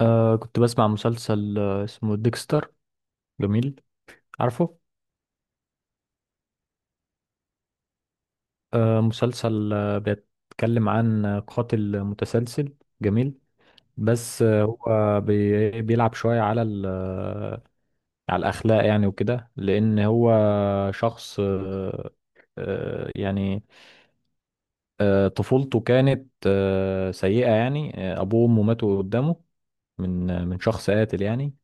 كنت بسمع مسلسل اسمه ديكستر. جميل. عارفه. مسلسل بيتكلم عن قاتل متسلسل. جميل. بس هو بيلعب شوية على على الأخلاق يعني وكده، لأن هو شخص يعني طفولته كانت سيئة يعني. أبوه وأمه ماتوا قدامه من من شخص قاتل يعني،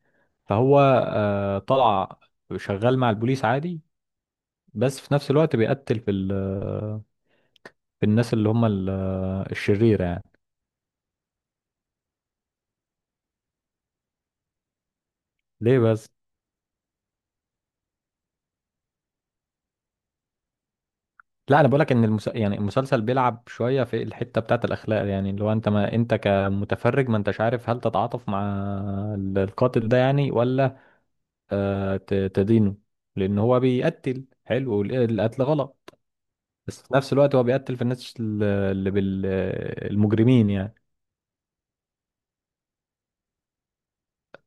فهو طلع شغال مع البوليس عادي. بس في نفس الوقت بيقتل في ال في الناس اللي هم الشريرة يعني. ليه بس؟ لا، انا بقولك ان يعني المسلسل بيلعب شوية في الحتة بتاعت الاخلاق، يعني اللي هو انت، ما انت كمتفرج ما انتش عارف هل تتعاطف مع القاتل ده يعني، ولا تدينه، لان هو بيقتل حلو، القتل غلط، بس في نفس الوقت هو بيقتل في الناس اللي المجرمين يعني.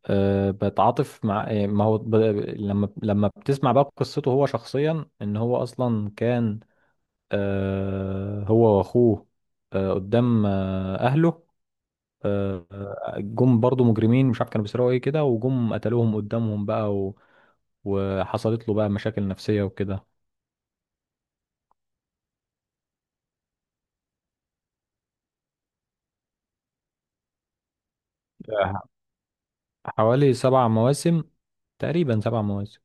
بتعاطف مع، ما هو لما بتسمع بقى قصته هو شخصيا، ان هو اصلا كان هو واخوه قدام اهله، أه آه، جم برضو مجرمين، مش عارف كانوا بيسرقوا ايه كده، وجم قتلوهم قدامهم بقى وحصلت له بقى مشاكل نفسية وكده. آه، حوالي 7 مواسم، تقريبا 7 مواسم.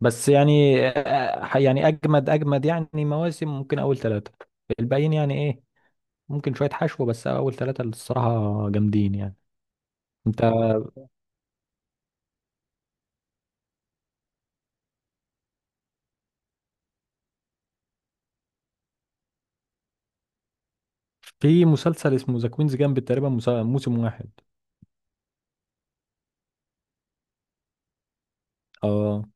بس يعني يعني اجمد اجمد يعني مواسم، ممكن اول ثلاثة. الباقيين يعني إيه، ممكن شوية حشو، بس أول ثلاثة اللي الصراحة جامدين يعني. أنت في مسلسل اسمه ذا كوينز جامب، تقريبا موسم واحد. اه.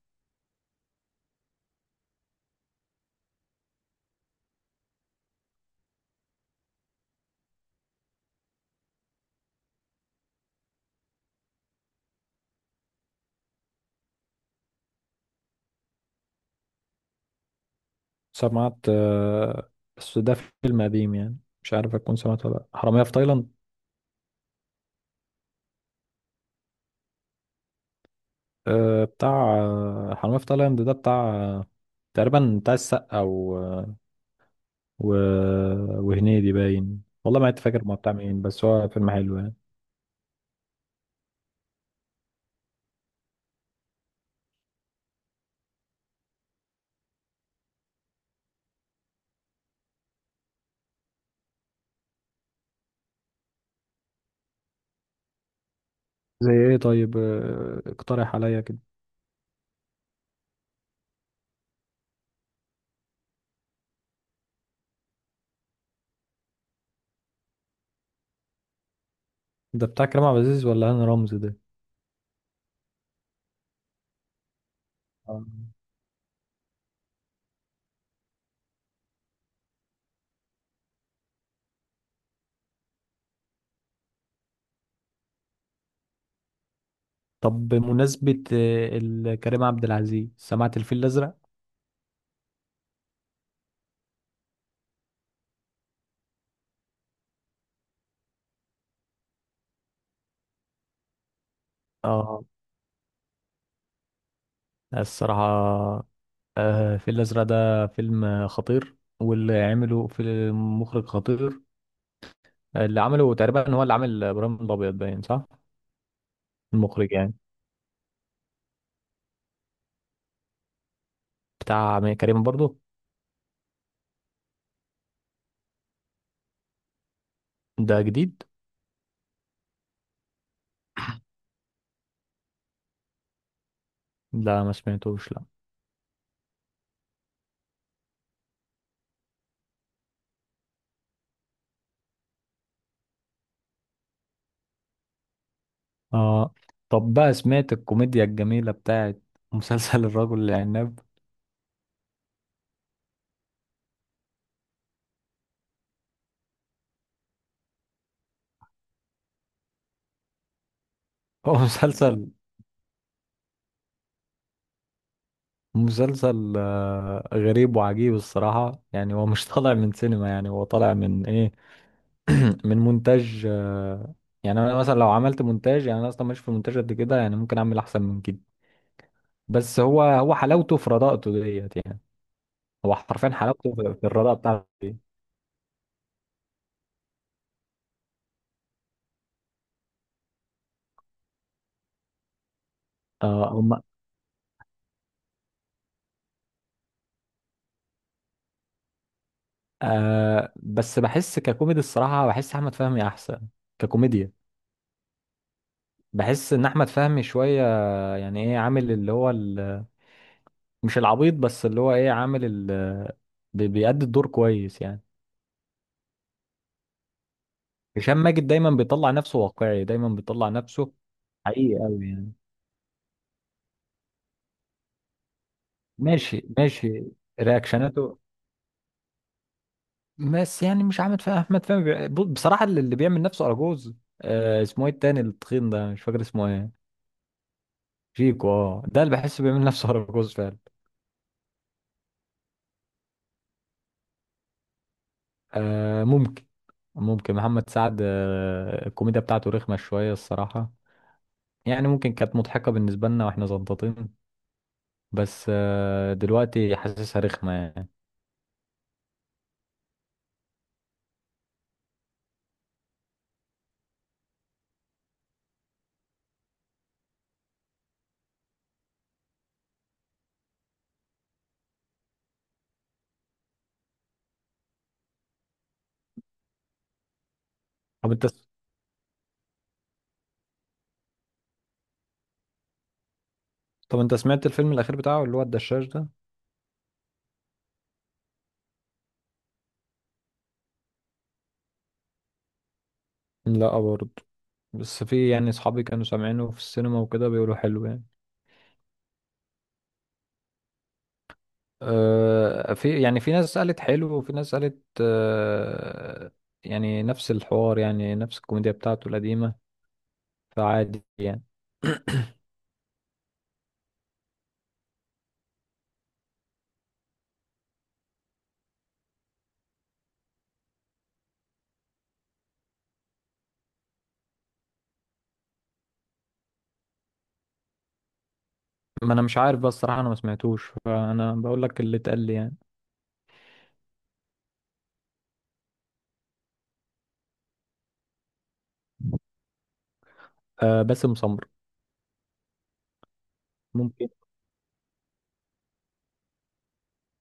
سمعت بس ده فيلم قديم يعني، مش عارف أكون سمعت ولا لأ. حرامية في تايلاند. بتاع حرامية في تايلاند ده بتاع تقريبا بتاع السقا و... وهنيدي، باين والله ما عدت فاكر ما بتاع مين، بس هو فيلم حلو يعني. زي ايه طيب، اقترح عليا كده. ده بتاع كريم عبد العزيز ولا هاني رمزي ده؟ آه. طب بمناسبة كريم عبد العزيز، سمعت الفيل الأزرق؟ اه. الصراحة الفيل الأزرق ده فيلم خطير، واللي عمله في مخرج خطير. اللي عمله تقريبا هو اللي عمل إبراهيم الأبيض، باين، صح؟ المخرج يعني. بتاع أمير كريم برضو. ده جديد؟ لا، ما سمعتوش، لا. اه. طب بقى، سمعت الكوميديا الجميلة بتاعت مسلسل الرجل العناب؟ هو مسلسل غريب وعجيب الصراحة يعني. هو مش طالع من سينما، يعني هو طالع من ايه من مونتاج، يعني انا مثلا لو عملت مونتاج، يعني انا اصلا مش في المونتاج قد كده، يعني ممكن اعمل احسن من كده. بس هو حلاوته في رداءته ديت يعني. هو حرفيا حلاوته في الرداءة بتاعته دي. آه هم بس بحس ككوميدي الصراحة، بحس احمد فهمي احسن ككوميديا. بحس ان احمد فهمي شوية، يعني ايه، عامل اللي هو مش العبيط، بس اللي هو ايه، عامل بيأدي الدور كويس يعني. هشام ماجد دايما بيطلع نفسه واقعي، دايما بيطلع نفسه حقيقي قوي يعني. ماشي ماشي. رياكشناته، بس يعني مش عامل فيها احمد فهمي بصراحة اللي بيعمل نفسه اراجوز. اسمه ايه التاني، التخين ده، مش فاكر اسمه ايه. شيكو. اه ده اللي بحسه بيعمل نفسه اراجوز فعلا. ممكن، ممكن محمد سعد. الكوميديا بتاعته رخمة شوية الصراحة، يعني ممكن كانت مضحكة بالنسبة لنا واحنا زنطتين، بس دلوقتي حاسسها رخمة يعني. طب انت طب انت سمعت الفيلم الأخير بتاعه، اللي هو الدشاش ده؟ لا برضه، بس في يعني صحابي كانوا سامعينه في السينما وكده، بيقولوا حلو يعني. في يعني في ناس قالت حلو، وفي ناس قالت يعني نفس الحوار، يعني نفس الكوميديا بتاعته القديمة، فعادي يعني. ما انا مش عارف، بس الصراحة انا ما سمعتوش، فانا بقول لك اللي اتقال لي يعني. باسم سمرة. ممكن.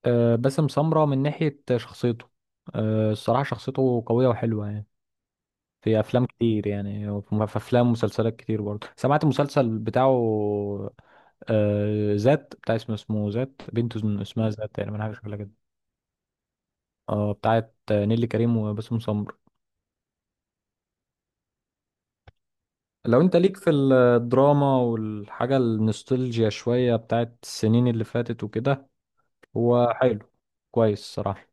باسم سمرة من ناحية شخصيته. الصراحة شخصيته قوية وحلوة يعني. في أفلام كتير يعني، في أفلام ومسلسلات كتير برضه. سمعت المسلسل بتاعه ذات. بتاع اسمه ذات، بنته اسمها ذات يعني، من حاجة شكلها كده. اه بتاعت نيلي كريم وباسم سمرة. لو انت ليك في الدراما والحاجة النوستالجيا شوية بتاعت السنين اللي فاتت وكده، هو حلو، كويس صراحة.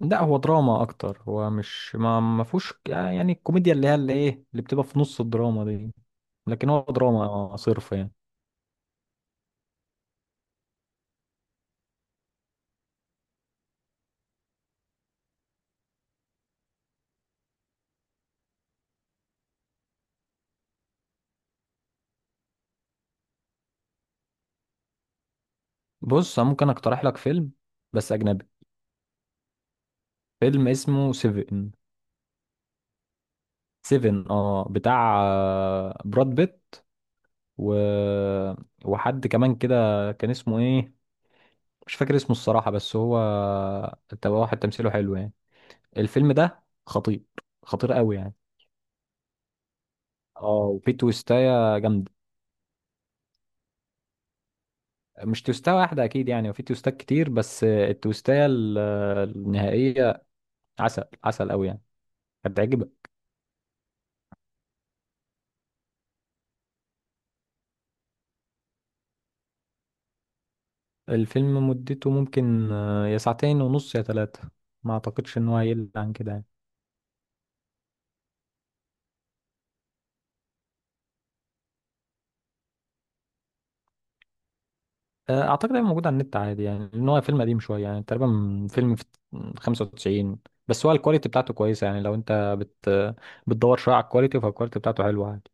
لا، هو دراما اكتر. هو مش ما فيهوش يعني الكوميديا اللي هي اللي ايه اللي بتبقى في نص الدراما دي، لكن هو دراما صرف يعني. بص، أنا ممكن اقترح لك فيلم، بس اجنبي. فيلم اسمه سيفن. سيفن، بتاع براد بيت و... وحد كمان كده، كان اسمه ايه، مش فاكر اسمه الصراحة، بس هو تبقى واحد تمثيله حلو يعني. الفيلم ده خطير، خطير قوي يعني. اه وفي تويستاية جامدة. مش توستة واحدة أكيد يعني، وفي توستات كتير، بس التوستاية النهائية عسل عسل أوي يعني، هتعجبك. الفيلم مدته ممكن يا ساعتين ونص يا ثلاثة، ما أعتقدش إن هو هيقل عن كده يعني. أعتقد هيبقى موجود على النت عادي يعني، لأن هو فيلم قديم شوية يعني، تقريبا من فيلم في 95. بس هو الكواليتي بتاعته كويسة يعني، لو أنت بتدور شوية على الكواليتي، فالكواليتي بتاعته حلوة عادي.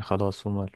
خلاص ومال.